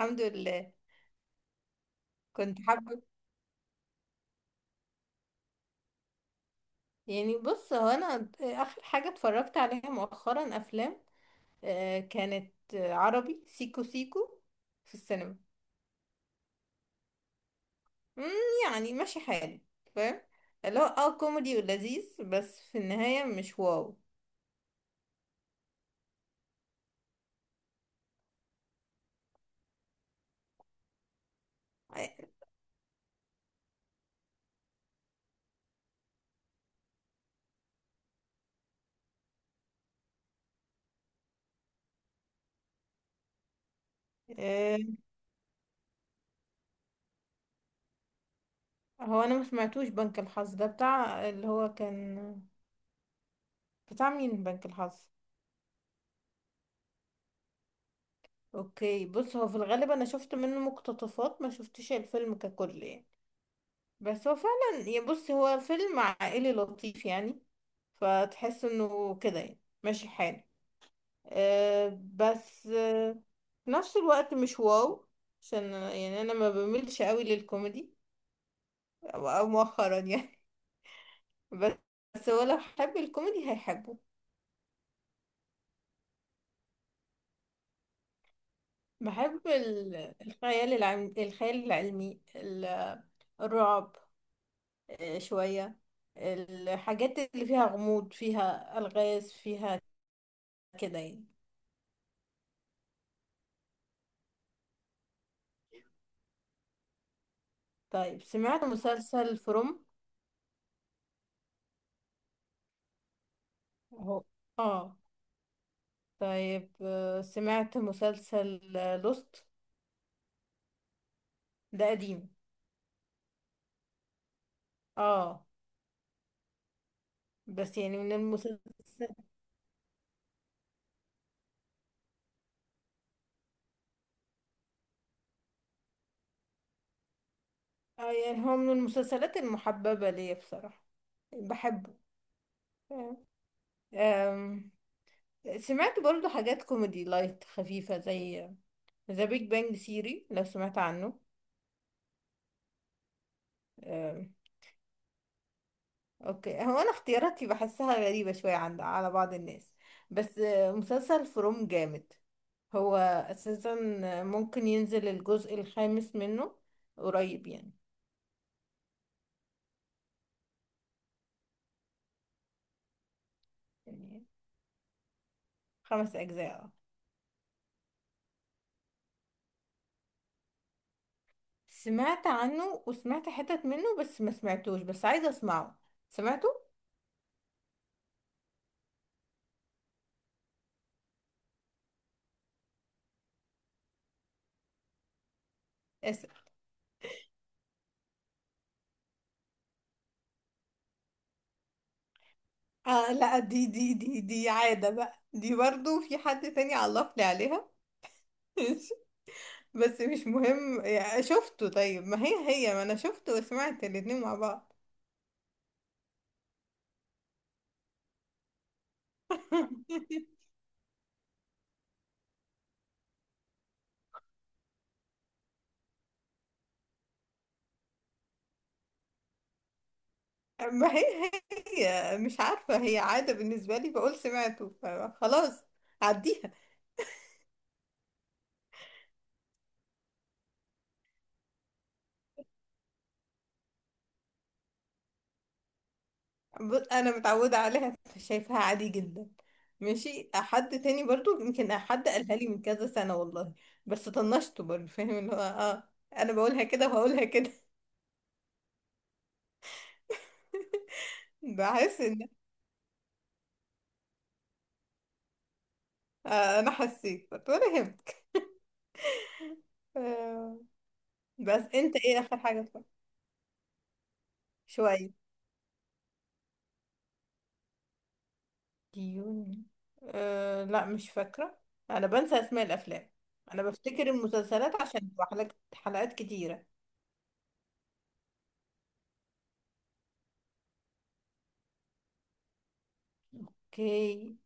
الحمد لله. كنت حابة، يعني بص، هو انا اخر حاجة اتفرجت عليها مؤخرا افلام. كانت عربي سيكو سيكو في السينما. مم، يعني ماشي حالي، فاهم، اللي هو كوميدي ولذيذ، بس في النهاية مش واو. آه، هو انا ما سمعتوش بنك الحظ ده، بتاع اللي هو كان بتاع مين بنك الحظ؟ اوكي، بص، هو في الغالب انا شفت منه مقتطفات، ما شفتش الفيلم ككل يعني. بس هو فعلا يعني بص هو فيلم عائلي لطيف يعني. فتحس انه كده يعني ماشي الحال. بس في نفس الوقت مش واو. عشان يعني انا ما بميلش قوي للكوميدي او مؤخرا يعني. بس بس هو لو حب الكوميدي هيحبه. بحب الخيال العلمي، الرعب. أه شوية، الحاجات اللي فيها غموض، فيها ألغاز، فيها كده يعني. طيب سمعت مسلسل فروم؟ اهو. اه. طيب، سمعت مسلسل لوست؟ ده قديم، اه. بس يعني من المسلسل، اه، يعني هو من المسلسلات المحببة ليا بصراحة، بحبه. آم، سمعت برضو حاجات كوميدي لايت خفيفة زي ذا بيج بانج سيري، لو سمعت عنه. اوكي، هو انا اختياراتي بحسها غريبة شوية عند على بعض الناس. بس مسلسل فروم جامد. هو اساسا ممكن ينزل الجزء الخامس منه قريب يعني. يعني 5 اجزاء. سمعت عنه وسمعت حتت منه بس ما سمعتوش، بس عايزة اسمعه. سمعته. أس... آه لا، دي عادة بقى، دي برضو في حد تاني علق لي عليها. بس مش مهم يعني شفته. طيب، ما هي، ما انا شفته وسمعت الاتنين مع بعض. ما هي، مش عارفة، هي عادة بالنسبة لي بقول سمعته فخلاص، عديها. أنا متعودة عليها، شايفها عادي جدا. ماشي، حد تاني برضو يمكن حد قالها لي من كذا سنة والله. بس طنشته برضو، فاهم، اللي هو أنا بقولها كده وهقولها كده. بحس إن... آه أنا حسيت ولا يهمك. آه، بس أنت إيه آخر حاجة؟ طيب. شوية. ديون؟ أه لا، مش فاكرة. أنا بنسى أسماء الأفلام. أنا بفتكر المسلسلات عشان بتبقى حلقات حلقات كتيرة. اوكي.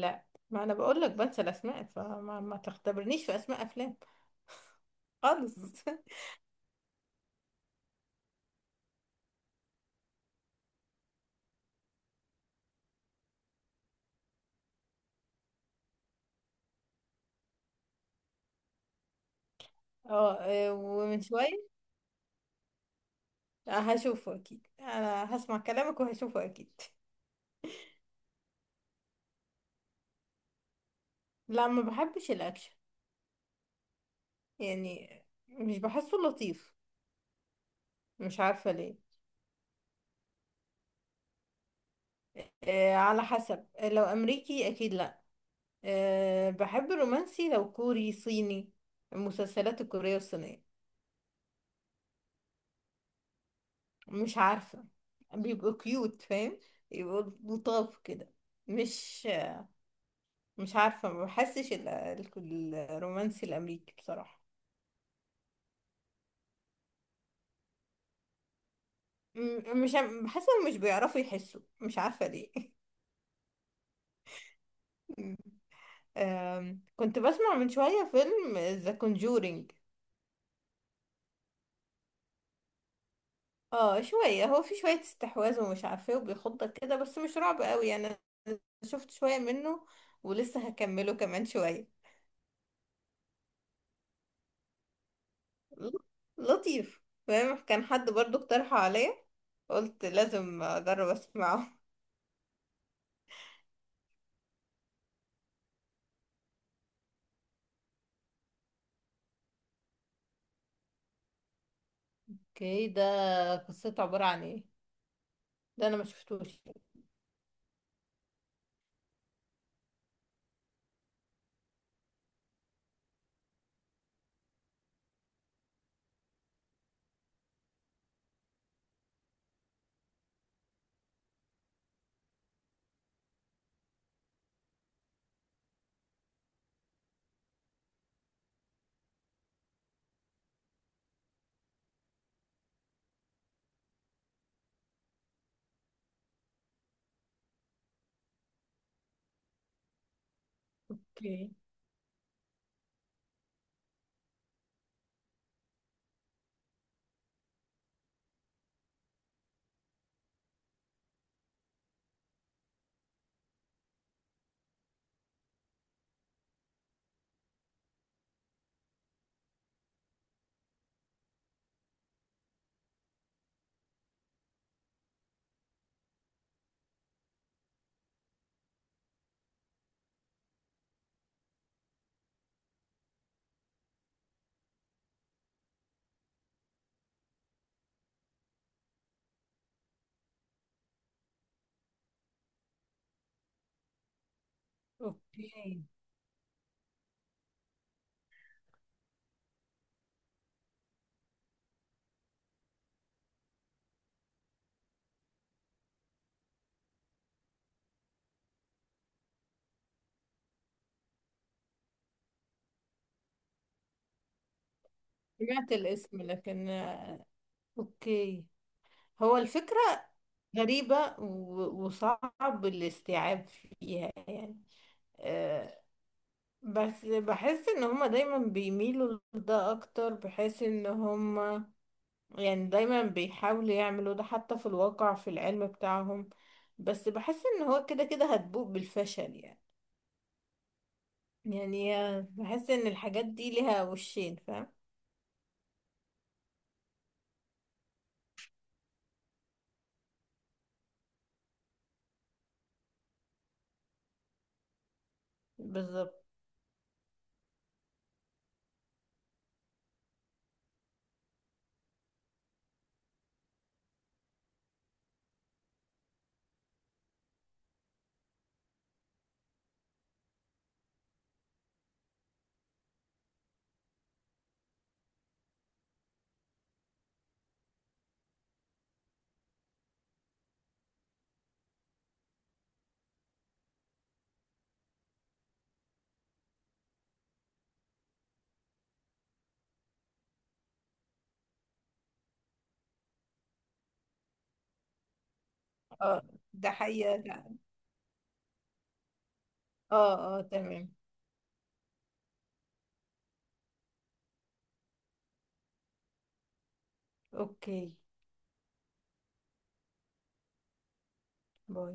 لا، ما أنا بقول لك بنسى الأسماء، فما ما تختبرنيش في أسماء أفلام خالص. اه، ومن شوية، هشوفه أكيد، أنا هسمع كلامك وهشوفه أكيد. لا، ما بحبش الأكشن يعني، مش بحسه لطيف، مش عارفة ليه. أه، على حسب، لو أمريكي أكيد لا. أه بحب الرومانسي لو كوري صيني. المسلسلات الكورية والصينية. مش عارفة. بيبقوا كيوت، فاهم، يبقوا لطاف كده. مش مش عارفة، ما بحسش الرومانسي الأمريكي بصراحة. م- مش عم- بحس إنهم مش بيعرفوا يحسوا، مش عارفة ليه. كنت بسمع من شوية فيلم ذا Conjuring. اه شوية، هو في شوية استحواذ ومش عارفة ايه وبيخضك كده، بس مش رعب قوي يعني. انا شفت شوية منه ولسه هكمله كمان شوية. ل- لطيف، فاهم. كان حد برضو اقترحه عليا، قلت لازم اجرب اسمعه. اوكي، ده قصته عبارة عن ايه؟ ده انا ما شفتوش. اوكي. اوكي. سمعت الاسم لكن... اوكي، هو الفكرة غريبة وصعب الاستيعاب فيها يعني. بس بحس ان هما دايما بيميلوا لده اكتر، بحيث ان هما يعني دايما بيحاولوا يعملوا ده حتى في الواقع في العلم بتاعهم. بس بحس ان هو كده كده هتبوء بالفشل يعني. يعني بحس ان الحاجات دي ليها وشين، فاهم. بالظبط. اه، ده حقيقة. اه اه، تمام. اوكي، باي.